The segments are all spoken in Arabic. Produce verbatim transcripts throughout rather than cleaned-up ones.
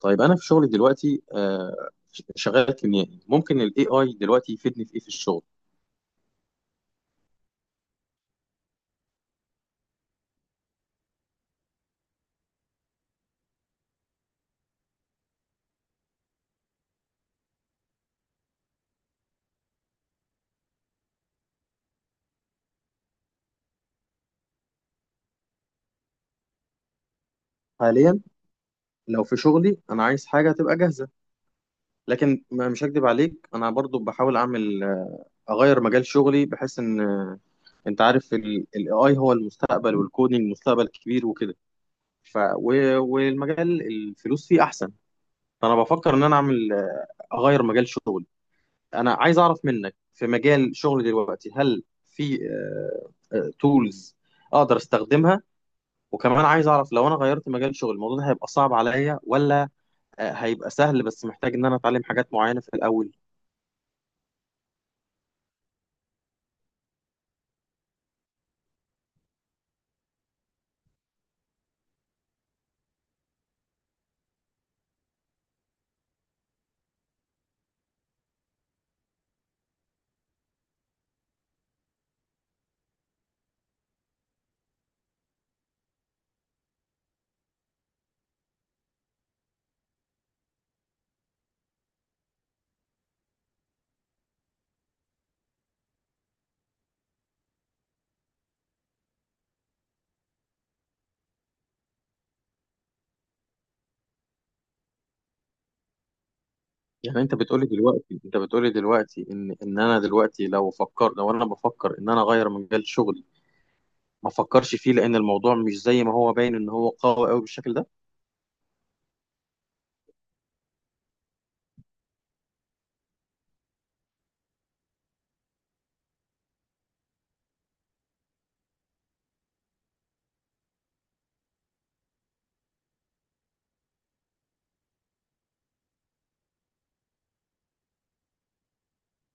طيب، انا في شغلي دلوقتي آه، شغال كيميائي. ممكن الاي اي دلوقتي يفيدني في ايه في الشغل حاليا؟ لو في شغلي انا عايز حاجه تبقى جاهزه، لكن ما- مش هكدب عليك. انا برضو بحاول اعمل، آه، اغير مجال شغلي بحيث ان آه، انت عارف الاي اي هو المستقبل، والكودينج مستقبل كبير وكده. ف و- والمجال الفلوس فيه احسن. فانا بفكر ان انا اعمل، آه، اغير مجال شغلي. انا عايز اعرف منك، في مجال شغلي دلوقتي، هل في تولز اقدر استخدمها؟ وكمان عايز اعرف، لو انا غيرت مجال شغلي، الموضوع ده هيبقى صعب عليا، ولا آه، هيبقى سهل بس محتاج ان انا اتعلم حاجات معينة في الاول؟ يعني انت بتقولي دلوقتي، انت بتقولي دلوقتي ان ان انا دلوقتي لو فكر لو انا بفكر ان انا اغير مجال شغلي ما افكرش فيه، لان الموضوع مش زي ما هو باين ان هو قوي قوي بالشكل ده.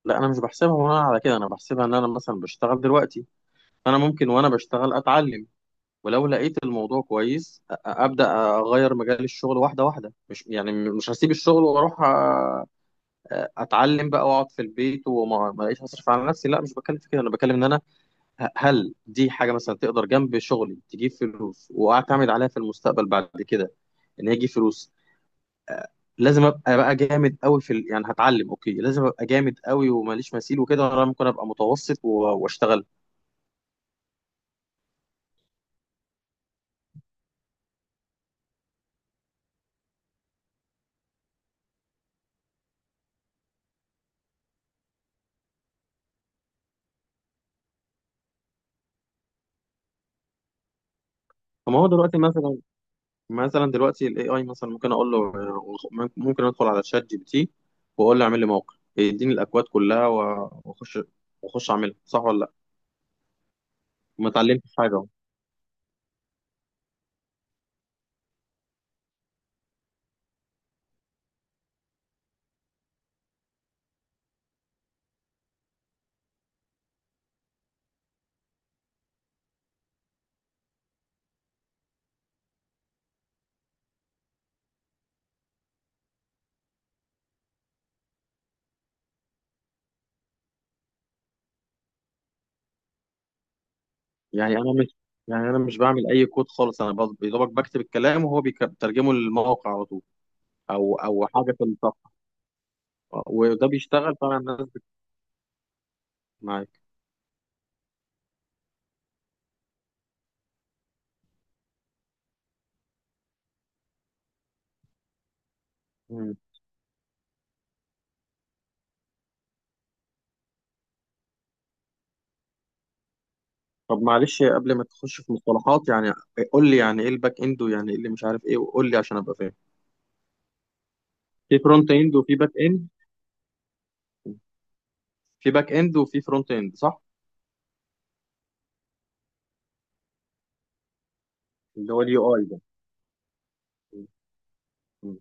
لا، انا مش بحسبها وانا على كده. انا بحسبها ان انا مثلا بشتغل دلوقتي، انا ممكن وانا بشتغل اتعلم، ولو لقيت الموضوع كويس أ- ابدا اغير مجال الشغل واحده واحده. مش يعني مش هسيب الشغل واروح أ- اتعلم بقى واقعد في البيت، وما ما الاقيش هصرف على نفسي. لا، مش بتكلم في كده. انا بتكلم ان انا ه- هل دي حاجه مثلا تقدر جنب شغلي تجيب فلوس، واعتمد عليها في المستقبل بعد كده، ان هي تجيب فلوس؟ لازم ابقى بقى جامد قوي في ال... يعني هتعلم، اوكي، لازم ابقى جامد قوي وماليش مثيل وكده، ولا ممكن ابقى متوسط و- واشتغل؟ فما هو دلوقتي مثلا، مثلا دلوقتي الاي اي مثلا ممكن اقول له، ممكن ادخل على شات جي بي تي واقول له اعمل لي موقع يديني الاكواد كلها، و- واخش واخش اعملها صح ولا لا؟ ما اتعلمتش حاجه أهو. يعني انا مش يعني انا مش بعمل اي كود خالص. انا بس- يا دوبك بكتب الكلام وهو بيك- بيترجمه للموقع على طول، او او حاجه في الصفحه. وده بيشتغل فعلا؟ الناس بت- معاك؟ مم. طب معلش، قبل ما تخش في مصطلحات يعني، قول لي يعني ايه الباك اند، ويعني ايه اللي مش عارف ايه، وقول لي عشان ابقى فاهم. في فرونت اند وفي باك اند؟ في باك اند وفي فرونت اند، صح؟ اللي هو اليو اي ده. مم. مم.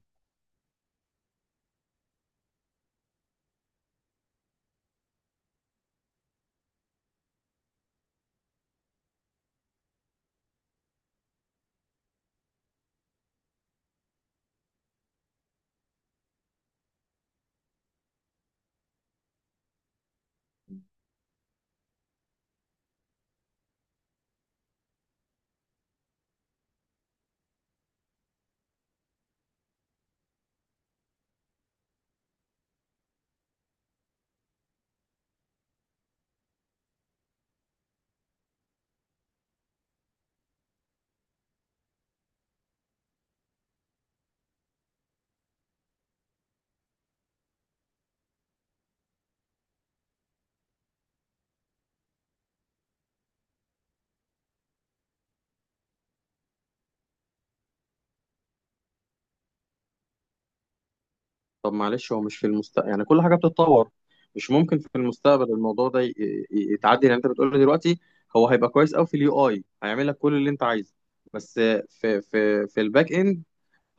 طب معلش، هو مش في المستقبل يعني كل حاجه بتتطور، مش ممكن في المستقبل الموضوع ده ي- ي- يتعدل؟ يعني انت بتقول لي دلوقتي هو هيبقى كويس قوي في اليو اي، هيعمل لك كل اللي انت عايزه، بس في في في الباك اند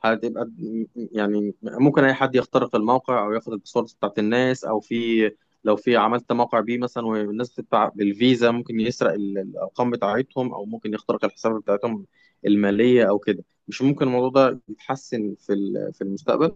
هتبقى، يعني ممكن اي حد يخترق الموقع او ياخد الباسوردز بتاعت الناس، او في، لو في عملت موقع بيه مثلا والناس تدفع بالفيزا، ممكن يسرق ال- الارقام بتاعتهم، او ممكن يخترق الحسابات بتاعتهم الماليه او كده؟ مش ممكن الموضوع ده يتحسن في ال- في المستقبل؟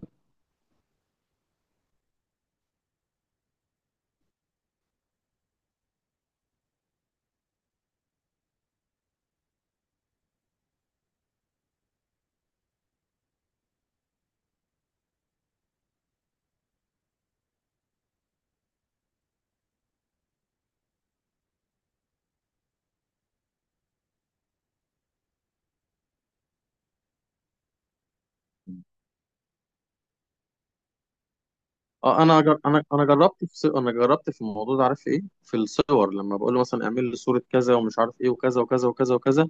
اه، انا جر- انا انا جربت في ص- انا جربت في الموضوع ده. عارف ايه؟ في الصور، لما بقول له مثلا اعمل لي صوره كذا ومش عارف ايه وكذا وكذا وكذا وكذا،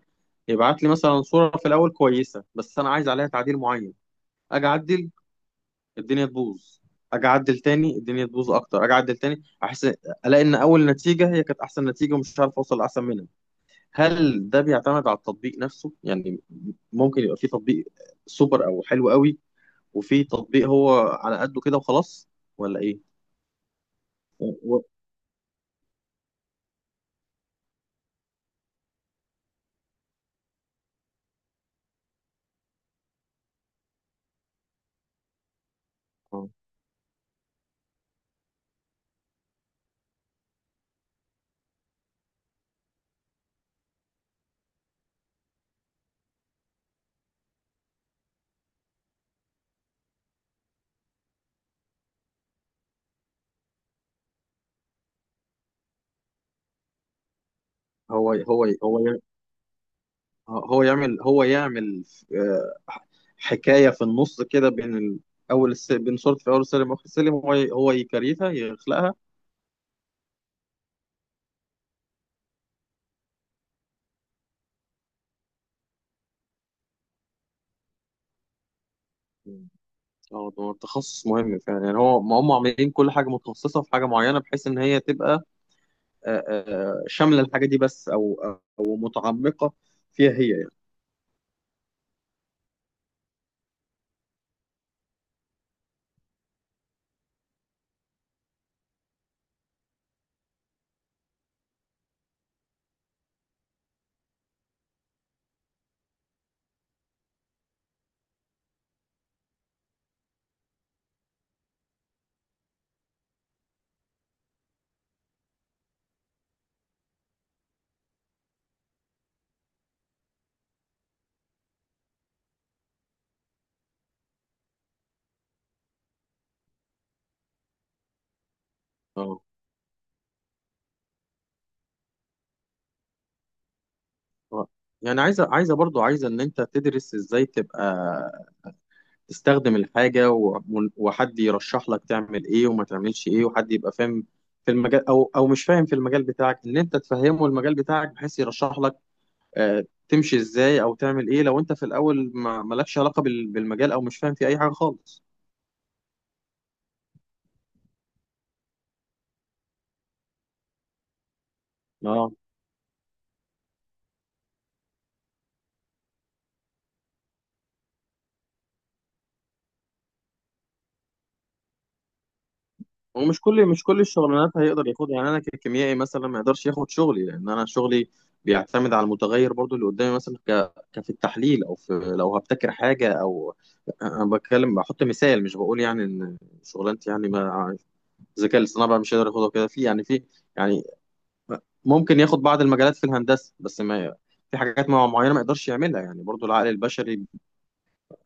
يبعت لي مثلا صوره في الاول كويسه، بس انا عايز عليها تعديل معين. اجي اعدل الدنيا تبوظ، اجي اعدل تاني الدنيا تبوظ اكتر، اجي اعدل تاني احس، الاقي ان اول نتيجه هي كانت احسن نتيجه، ومش عارف اوصل لاحسن منها. هل ده بيعتمد على التطبيق نفسه يعني؟ ممكن يبقى في تطبيق سوبر او حلو قوي، وفي تطبيق هو على قده كده وخلاص، ولا ايه؟ هو هو هو هو يع- هو يعمل هو يعمل آه، حكايه في النص كده، بين ال- اول الس... بين صورة في اول السلم واخر السلم، هو ي- هو يكريتها، يخلقها. اه، ده تخصص مهم فعلا. يعني هو ما هم عاملين كل حاجه متخصصه في حاجه معينه بحيث ان هي تبقى آه، آه، آه، شامله الحاجه دي بس، او او متعمقه فيها هي يعني. اه آه. يعني عايزه عايزه برضو عايزه ان انت تدرس ازاي تبقى تستخدم الحاجه، و- وحد يرشح لك تعمل ايه وما تعملش ايه، وحد يبقى فاهم في المجال او او مش فاهم في المجال بتاعك، ان انت تفهمه المجال بتاعك بحيث يرشح لك آه، تمشي ازاي او تعمل ايه، لو انت في الاول ما مالكش علاقه بال- بالمجال، او مش فاهم في اي حاجه خالص. اه. ومش كل مش كل الشغلانات هيقدر ياخدها. يعني انا ككيميائي مثلا ما يقدرش ياخد شغلي، لان انا شغلي بيعتمد على المتغير برضو اللي قدامي مثلا، ك... كفي التحليل، او في لو هبتكر حاجه، او انا بتكلم بحط مثال، مش بقول يعني ان شغلانتي يعني ما الذكاء الاصطناعي بقى مش هيقدر ياخدها كده في، يعني في، يعني ممكن ياخد بعض المجالات في الهندسه، بس ما في حاجات مع- معينه ما يقدرش يعملها، يعني برضو العقل البشري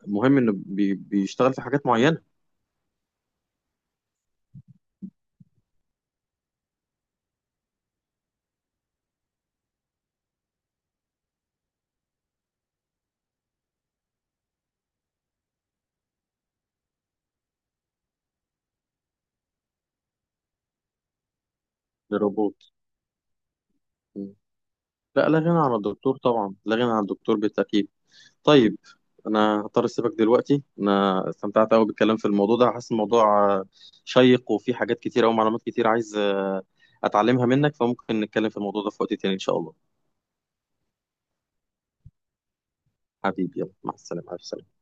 المهم انه بي بيشتغل في حاجات معينه. للروبوت. مم. لا، لا غنى عن الدكتور، طبعا لا غنى عن الدكتور بالتاكيد. طيب، انا هضطر اسيبك دلوقتي. انا استمتعت قوي بالكلام في الموضوع ده، حاسس الموضوع آه، شيق وفي حاجات كتير او معلومات كتير عايز آه، اتعلمها منك، فممكن نتكلم في الموضوع ده في وقت تاني ان شاء الله. حبيبي، يلا، مع السلامه، ألف سلامة.